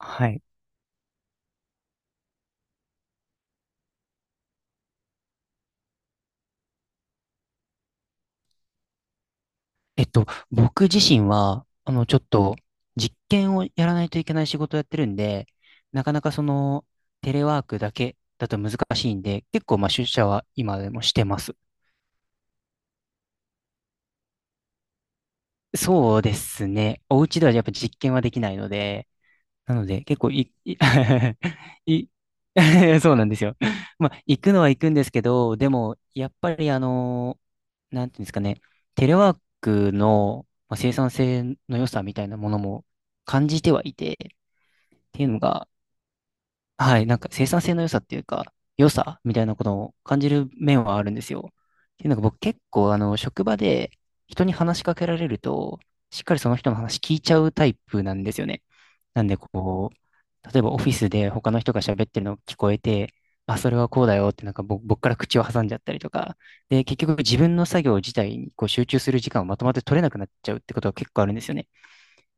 はい。えっと、僕自身は、ちょっと、実験をやらないといけない仕事をやってるんで、なかなかその、テレワークだけだと難しいんで、結構、まあ、出社は今でもしてます。そうですね。お家ではやっぱ実験はできないので、なので、結構い そうなんですよ。まあ、行くのは行くんですけど、でも、やっぱりなんていうんですかね、テレワークの、まあ、生産性の良さみたいなものも感じてはいて、っていうのが、はい、なんか生産性の良さっていうか、良さみたいなことを感じる面はあるんですよ。っていうのが僕結構あの職場で人に話しかけられると、しっかりその人の話聞いちゃうタイプなんですよね。なんでこう、例えばオフィスで他の人が喋ってるの聞こえて、あ、それはこうだよってなんか僕から口を挟んじゃったりとか、で、結局自分の作業自体にこう集中する時間をまとまって取れなくなっちゃうってことが結構あるんですよね。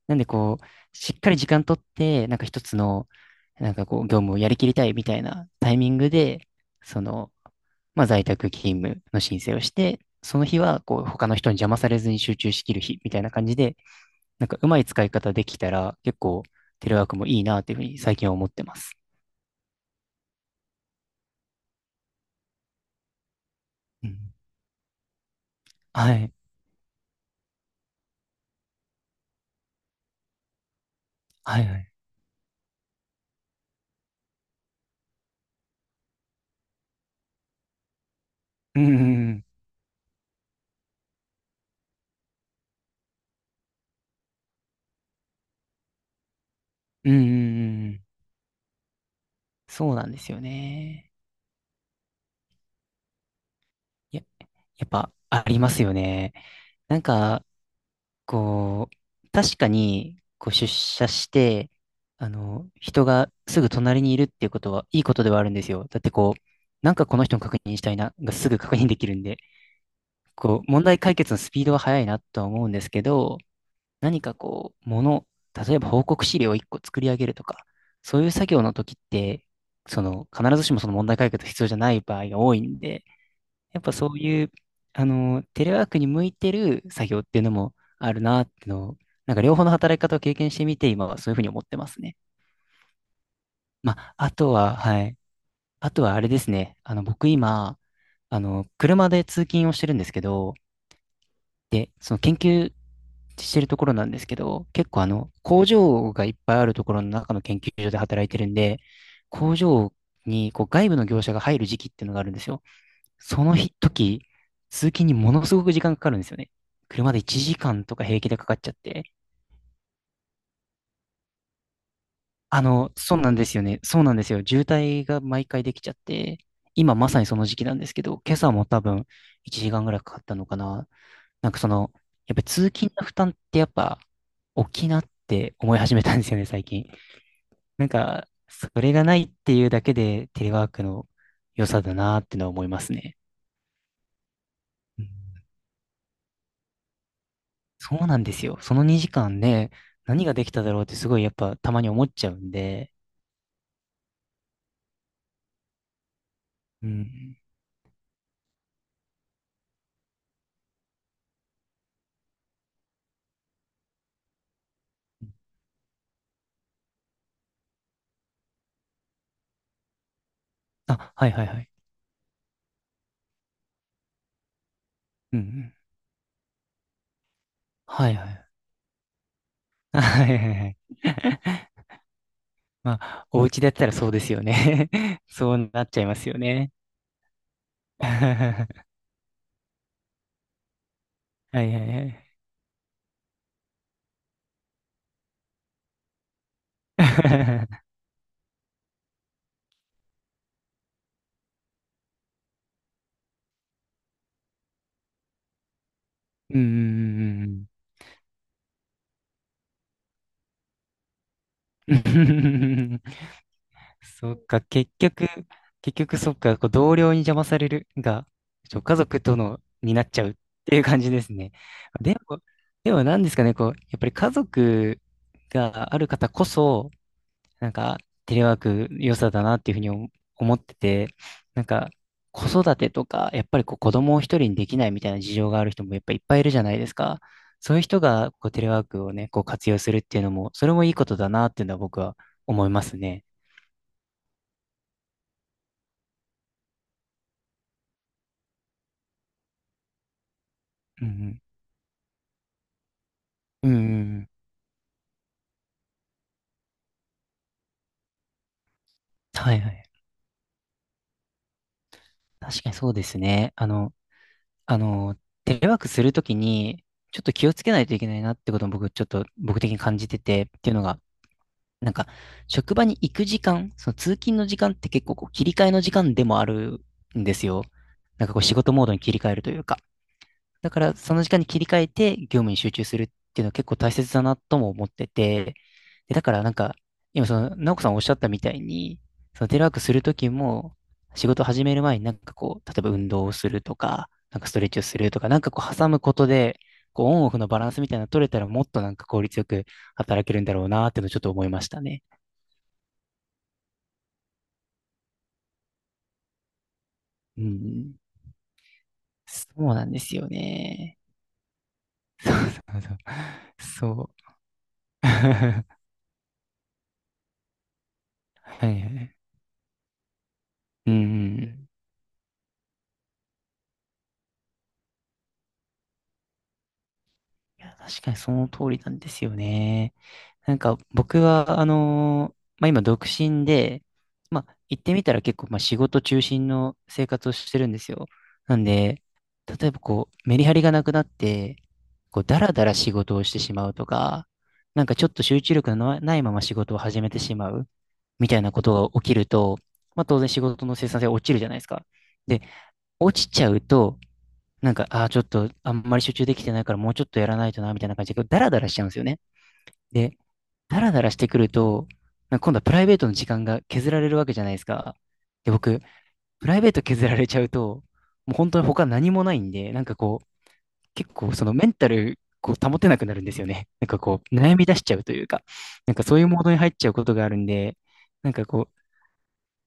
なんでこう、しっかり時間取って、なんか一つの、なんかこう、業務をやりきりたいみたいなタイミングで、その、まあ在宅勤務の申請をして、その日はこう、他の人に邪魔されずに集中しきる日みたいな感じで、なんかうまい使い方できたら、結構テレワークもいいなっていうふうに最近は思ってます。うん。はい。はいはい。うんうんうん。うんうんうん。そうなんですよね。いや、やっぱありますよね。なんか、こう、確かに、こう出社して、あの、人がすぐ隣にいるっていうことは、いいことではあるんですよ。だってこう、なんかこの人の確認したいな、がすぐ確認できるんで、こう、問題解決のスピードは速いなとは思うんですけど、何かこう、もの、例えば報告資料を1個作り上げるとか、そういう作業の時って、その、必ずしもその問題解決が必要じゃない場合が多いんで、やっぱそういう、あの、テレワークに向いてる作業っていうのもあるなっていうのを、なんか両方の働き方を経験してみて、今はそういうふうに思ってますね。まあ、あとは、はい。あとはあれですね。あの、僕今、あの、車で通勤をしてるんですけど、で、その研究してるところなんですけど、結構あの、工場がいっぱいあるところの中の研究所で働いてるんで、工場にこう外部の業者が入る時期っていうのがあるんですよ。その日時、通勤にものすごく時間かかるんですよね。車で1時間とか平気でかかっちゃって。あの、そうなんですよね。そうなんですよ。渋滞が毎回できちゃって、今まさにその時期なんですけど、今朝も多分1時間ぐらいかかったのかな。なんかその、やっぱり通勤の負担ってやっぱ大きいなって思い始めたんですよね、最近。なんか、それがないっていうだけでテレワークの良さだなってのは思いますね。うん。そうなんですよ。その2時間で何ができただろうってすごいやっぱたまに思っちゃうんで。うん。あ、はいはいはい。うんうん。はいはい。はいはいはい。まあ、お家だったらそうですよね。そうなっちゃいますよね。はいはいはい。うんうんうんうん。そっか、結局そっか、こう同僚に邪魔されるが、ちょ、家族との、になっちゃうっていう感じですね。でも、でも何ですかね、こう、やっぱり家族がある方こそ、なんか、テレワーク良さだなっていうふうに思ってて、なんか、子育てとか、やっぱりこう子供を一人にできないみたいな事情がある人もやっぱいっぱいいるじゃないですか。そういう人がこうテレワークをね、こう活用するっていうのも、それもいいことだなっていうのは僕は思いますね。うんうんうんうん。はいはい。確かにそうですね。あの、テレワークするときに、ちょっと気をつけないといけないなってことも僕、ちょっと僕的に感じてて、っていうのが、なんか、職場に行く時間、その通勤の時間って結構こう切り替えの時間でもあるんですよ。なんかこう仕事モードに切り替えるというか。だから、その時間に切り替えて業務に集中するっていうのは結構大切だなとも思ってて、で、だからなんか、今その、直子さんおっしゃったみたいに、そのテレワークするときも、仕事始める前になんかこう、例えば運動をするとか、なんかストレッチをするとか、なんかこう挟むことで、こうオンオフのバランスみたいなの取れたらもっとなんか効率よく働けるんだろうなっていうのをちょっと思いましたね。うん。そうなんですよね。そう。はいはい。うんうん。いや、確かにその通りなんですよね。なんか僕は、あのー、まあ、今独身で、まあ、言ってみたら結構、まあ、仕事中心の生活をしてるんですよ。なんで、例えばこう、メリハリがなくなって、こう、だらだら仕事をしてしまうとか、なんかちょっと集中力のなないまま仕事を始めてしまうみたいなことが起きると、まあ、当然仕事の生産性は落ちるじゃないですか。で、落ちちゃうと、なんか、ああ、ちょっと、あんまり集中できてないから、もうちょっとやらないとな、みたいな感じで、ダラダラしちゃうんですよね。で、ダラダラしてくると、なんか今度はプライベートの時間が削られるわけじゃないですか。で、僕、プライベート削られちゃうと、もう本当に他何もないんで、なんかこう、結構そのメンタル、こう保てなくなるんですよね。なんかこう、悩み出しちゃうというか、なんかそういうモードに入っちゃうことがあるんで、なんかこう、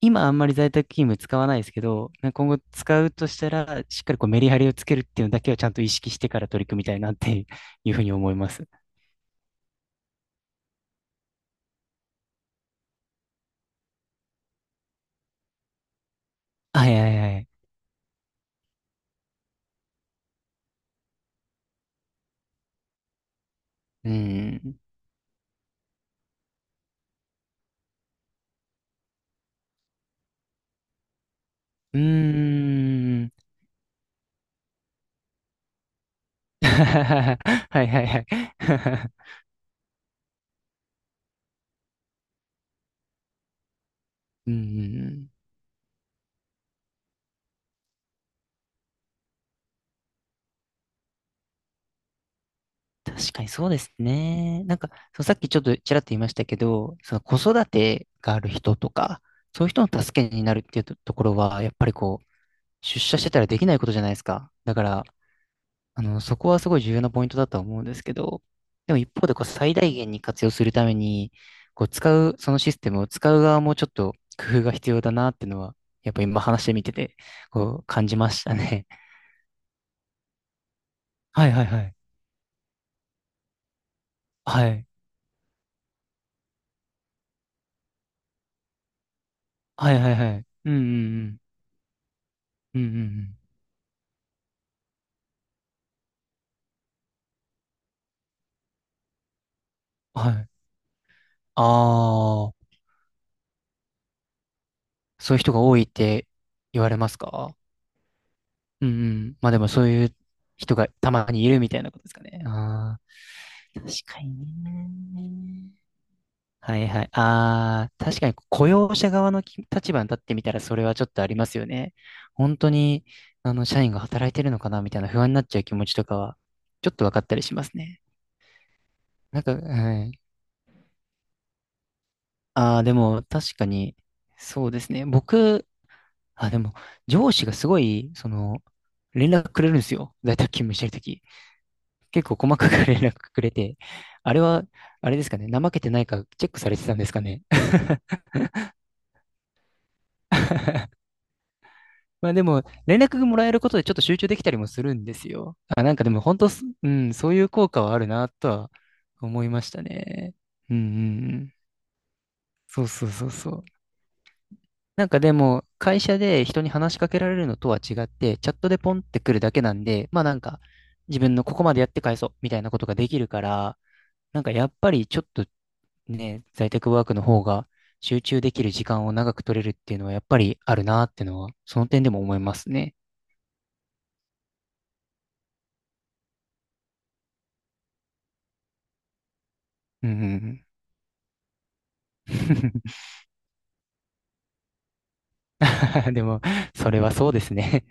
今あんまり在宅勤務使わないですけど、なんか今後使うとしたら、しっかりこうメリハリをつけるっていうのだけはちゃんと意識してから取り組みたいなって いうふうに思います。はいはいはい。うーん。うーん。はいはいはい。うん。確かにそうですね。なんか、そうさっきちょっとちらっと言いましたけど、その子育てがある人とか、そういう人の助けになるっていうと、ところは、やっぱりこう、出社してたらできないことじゃないですか。だから、あの、そこはすごい重要なポイントだとは思うんですけど、でも一方でこう最大限に活用するために、こう使う、そのシステムを使う側もちょっと工夫が必要だなっていうのは、やっぱ今話してみてて、こう感じましたね。はいはいはい。はい。はいはいはい。うんうんうん。うんうんうん。はい。ああ、そういう人が多いって言われますか。うんうん。まあでもそういう人がたまにいるみたいなことですかね。ああ、確かにね。はいはい。ああ、確かに雇用者側の立場に立ってみたらそれはちょっとありますよね。本当に、あの、社員が働いてるのかなみたいな不安になっちゃう気持ちとかは、ちょっと分かったりしますね。なんか、はい。ああ、でも確かに、そうですね。僕、あ、でも、上司がすごい、その、連絡くれるんですよ。在宅勤務してるとき。結構細かく 連絡くれて、あれは、あれですかね。怠けてないかチェックされてたんですかね。まあでも、連絡がもらえることでちょっと集中できたりもするんですよ。あ、なんかでも本当す、うん、そういう効果はあるなとは思いましたね。うんうんうん。そうそうそうそう。なんかでも、会社で人に話しかけられるのとは違って、チャットでポンってくるだけなんで、まあなんか、自分のここまでやって返そうみたいなことができるから、なんかやっぱりちょっとね、在宅ワークの方が集中できる時間を長く取れるっていうのはやっぱりあるなっていうのは、その点でも思いますね。うんうんうん。でも、それはそうですね。